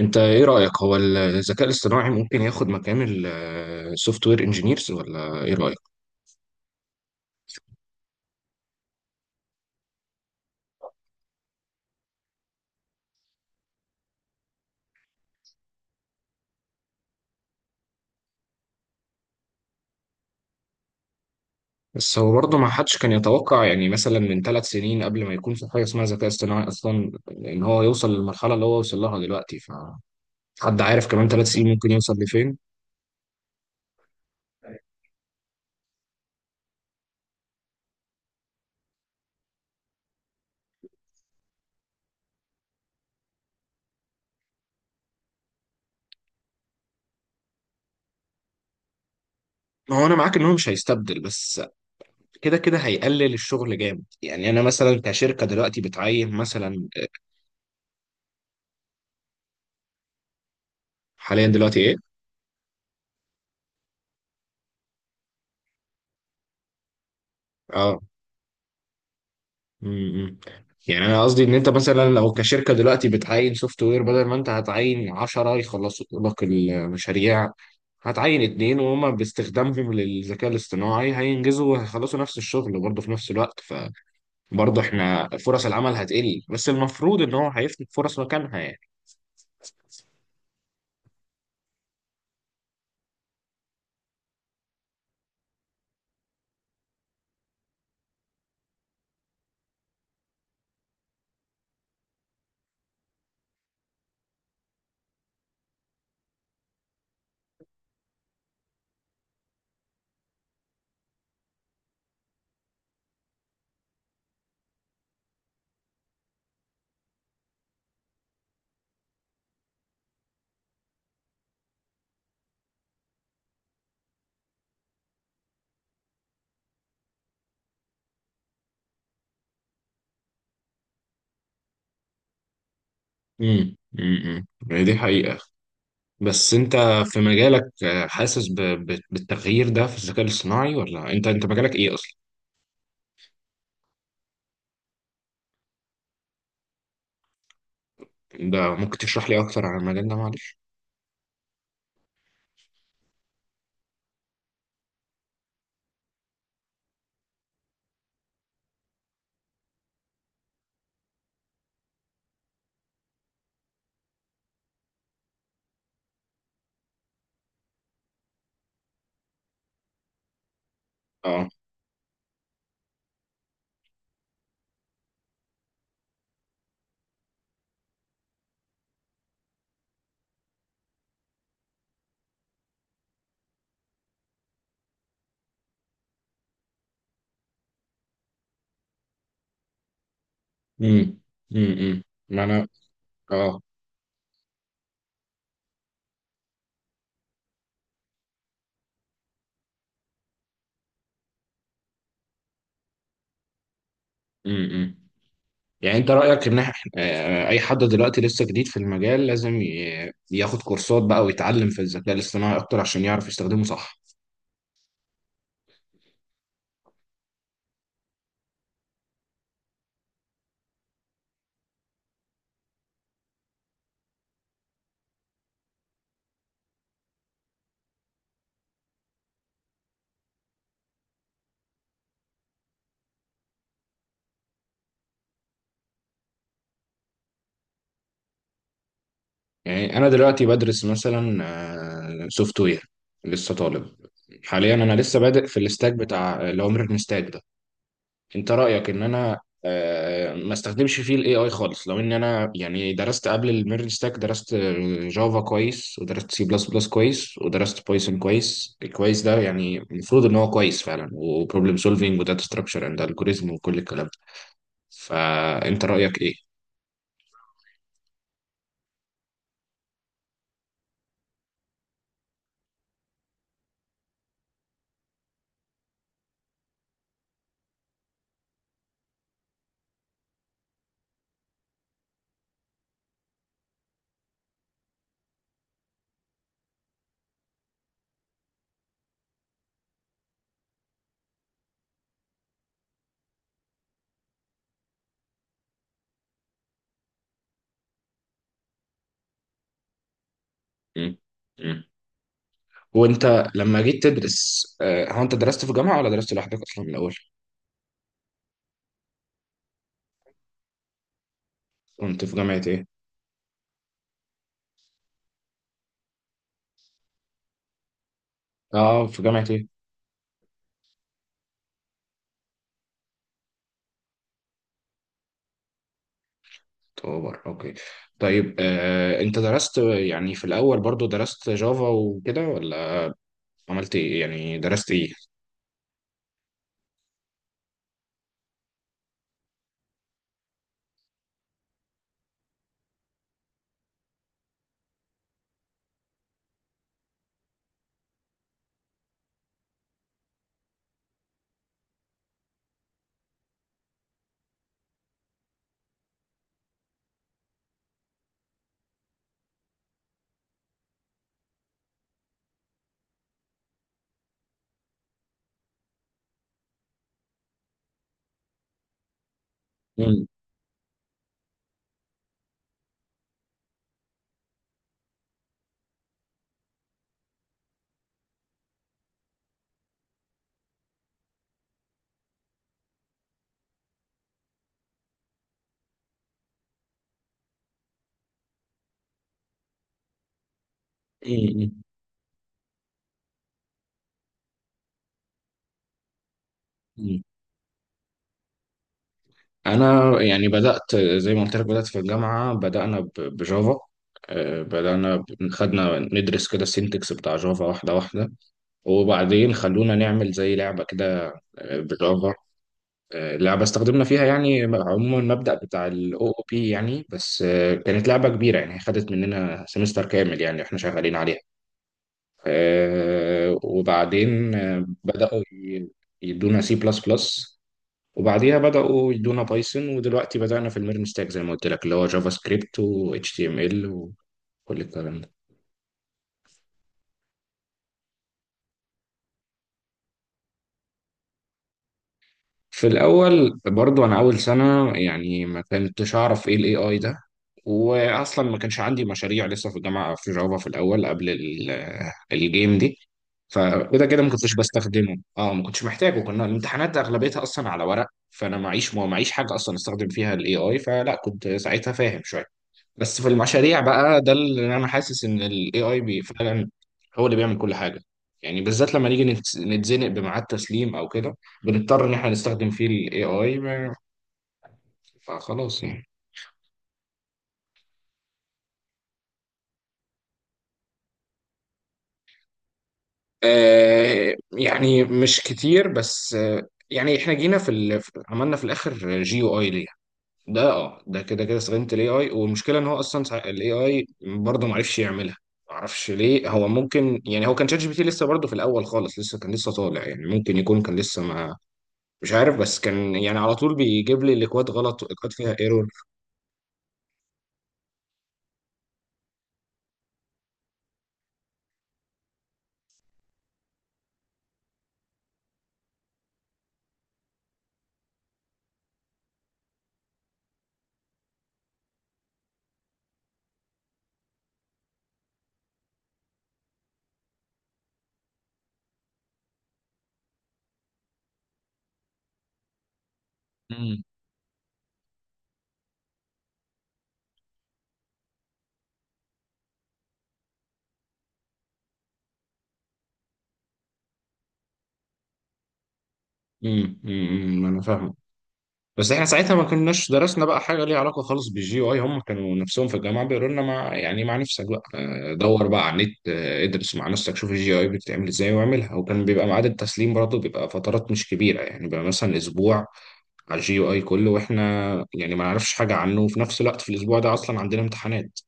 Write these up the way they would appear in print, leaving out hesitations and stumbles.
انت ايه رأيك؟ هو الذكاء الاصطناعي ممكن ياخد مكان السوفت وير انجينيرز ولا ايه رأيك؟ بس هو برضه ما حدش كان يتوقع، يعني مثلا من ثلاث سنين قبل ما يكون في حاجة اسمها ذكاء اصطناعي اصلا، ان هو يوصل للمرحلة اللي هو وصل لها دلوقتي. ف حد عارف كمان ثلاث سنين ممكن يوصل لفين؟ ما هو انا معاك ان هو مش هيستبدل، بس كده كده هيقلل الشغل جامد. يعني انا مثلا كشركة دلوقتي بتعين مثلا، حاليا دلوقتي ايه؟ آه. امم يعني انا قصدي ان انت مثلا لو كشركه دلوقتي بتعين سوفت وير، بدل ما انت هتعين 10 يخلصوا لك المشاريع، هتعين اتنين وهما باستخدامهم للذكاء الاصطناعي هينجزوا وهيخلصوا نفس الشغل برضه في نفس الوقت. فبرضه احنا فرص العمل هتقل، بس المفروض ان هو هيفتح فرص مكانها يعني. امم. دي حقيقة. بس انت في مجالك، آه، حاسس بالتغيير ده في الذكاء الاصطناعي، ولا انت مجالك ايه اصلا؟ ده ممكن تشرح لي اكتر عن المجال ده معلش؟ امم امم. ما انا. اه. امم امم. يعني انت رايك ان اي حد دلوقتي لسه جديد في المجال لازم ياخد كورسات بقى ويتعلم في الذكاء الاصطناعي اكتر عشان يعرف يستخدمه صح؟ يعني انا دلوقتي بدرس مثلا سوفت وير، لسه طالب. حاليا انا لسه بادئ في الاستاك بتاع اللي هو ميرن ستاك ده. انت رأيك ان انا، آه، ما استخدمش فيه الاي اي خالص، لو ان انا يعني درست قبل الميرج ستاك، درست جافا كويس، ودرست سي بلس بلس كويس، ودرست بايثون كويس، الكويس ده يعني المفروض ان هو كويس فعلا، وبروبلم سولفينج وداتا ستراكشر اند الجوريزم وكل الكلام ده، فانت رأيك ايه؟ مم. مم. وانت لما جيت تدرس، آه، هو انت درست في جامعة ولا درست لوحدك اصلا من الاول؟ كنت في جامعة ايه؟ اه في جامعة ايه؟ اكتوبر، اوكي. طيب آه، انت درست يعني في الاول برضو درست جافا وكده، ولا عملت ايه، يعني درست ايه؟ مم. مم. مم. انا يعني بدات زي ما قلت لك، بدات في الجامعه، بجافا. آه، خدنا ندرس كده السينتكس بتاع جافا واحده واحده، وبعدين خلونا نعمل زي لعبه كده، آه، بجافا. آه، لعبة استخدمنا فيها يعني عموما المبدأ بتاع ال OOP يعني، بس آه، كانت لعبة كبيرة يعني، خدت مننا سمستر كامل يعني احنا شغالين عليها. آه، وبعدين آه، يدونا سي بلس بلس، وبعديها بدأوا يدونا بايثون، ودلوقتي بدأنا في الميرن ستاك زي ما قلت لك، اللي هو جافا سكريبت و HTML وكل الكلام ده. في الاول برضو انا اول سنه يعني ما كنتش اعرف ايه الاي اي ده، واصلا ما كانش عندي مشاريع لسه في الجامعه في جافا في الاول قبل الجيم دي، فكده كده ما كنتش بستخدمه، اه ما كنتش محتاجه، كنا الامتحانات اغلبيتها اصلا على ورق، فانا معيش معيش حاجه اصلا استخدم فيها الاي اي، فلا كنت ساعتها فاهم شويه. بس في المشاريع بقى ده اللي انا حاسس ان الاي اي بي فعلا هو اللي بيعمل كل حاجه. يعني بالذات لما نيجي نتزنق بميعاد تسليم او كده، بنضطر ان احنا نستخدم فيه الاي اي، فخلاص يعني. آه يعني مش كتير، بس آه، يعني احنا جينا في ال... عملنا في الاخر جي او اي، ده اه ده كده كده استخدمت الاي اي، والمشكله ان هو اصلا الاي اي برضه ما عرفش يعملها. ما اعرفش ليه، هو ممكن يعني هو كان شات جي بي تي لسه برضه في الاول خالص، لسه كان لسه طالع يعني، ممكن يكون كان لسه ما، مش عارف، بس كان يعني على طول بيجيب لي الاكواد غلط والاكواد فيها ايرور. مم. أمم، أمم، انا فاهمك. بس احنا ساعتها ما كناش درسنا بقى حاجه ليها علاقه خالص بالجي اي، هم كانوا نفسهم في الجامعه بيقولوا لنا مع يعني مع نفسك بقى، آه، دور بقى على النت، آه، ادرس مع نفسك، شوف الجي اي بتتعمل ازاي واعملها، وكان بيبقى ميعاد التسليم برضه بيبقى فترات مش كبيره، يعني بيبقى مثلا اسبوع على الجي اي كله، واحنا يعني ما نعرفش حاجه عنه، وفي نفس الوقت في الاسبوع ده اصلا عندنا امتحانات،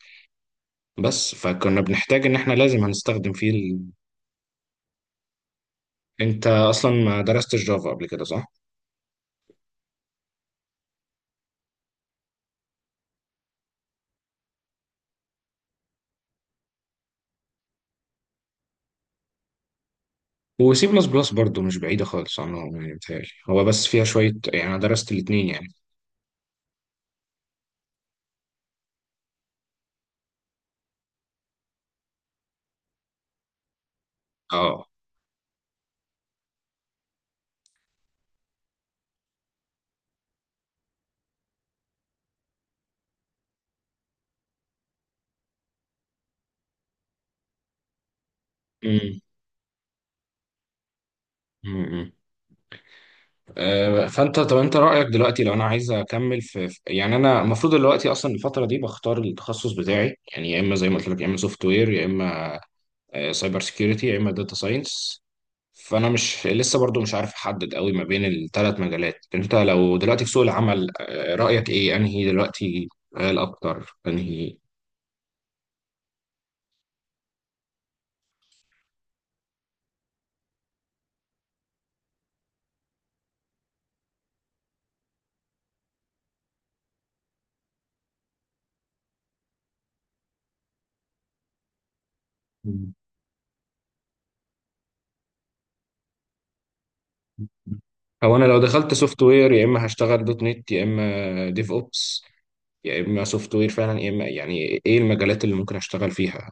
بس فكنا بنحتاج ان احنا لازم هنستخدم فيه ال... انت اصلا ما درستش جافا قبل كده صح؟ وسي بلس بلس برضه مش بعيدة خالص عنهم يعني، بتهيألي هو بس فيها شوية، يعني أنا درست الاتنين يعني. اه. أمم، أمم. آه، فأنت طب أنت رأيك دلوقتي لو أنا عايز أكمل يعني أنا المفروض دلوقتي أصلا الفترة دي بختار التخصص بتاعي، يعني يا إما زي ما قلت لك يا إما سوفت وير، يا إما سايبر سيكيورتي، يا إما داتا ساينس، فأنا مش لسه برضو مش عارف أحدد قوي ما بين الثلاث مجالات. أنت لو دلوقتي في سوق العمل، آه، رأيك إيه أنهي دلوقتي قال أكتر أنهي؟ او انا لو دخلت سوفت وير يا اما هشتغل دوت نت، يا اما ديف اوبس، يا اما سوفت وير فعلا، يا اما يعني ايه المجالات اللي ممكن اشتغل فيها؟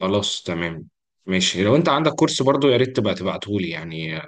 خلاص تمام. ماشي، لو انت عندك كورس برضو يا ريت تبقى تبعته لي يعني.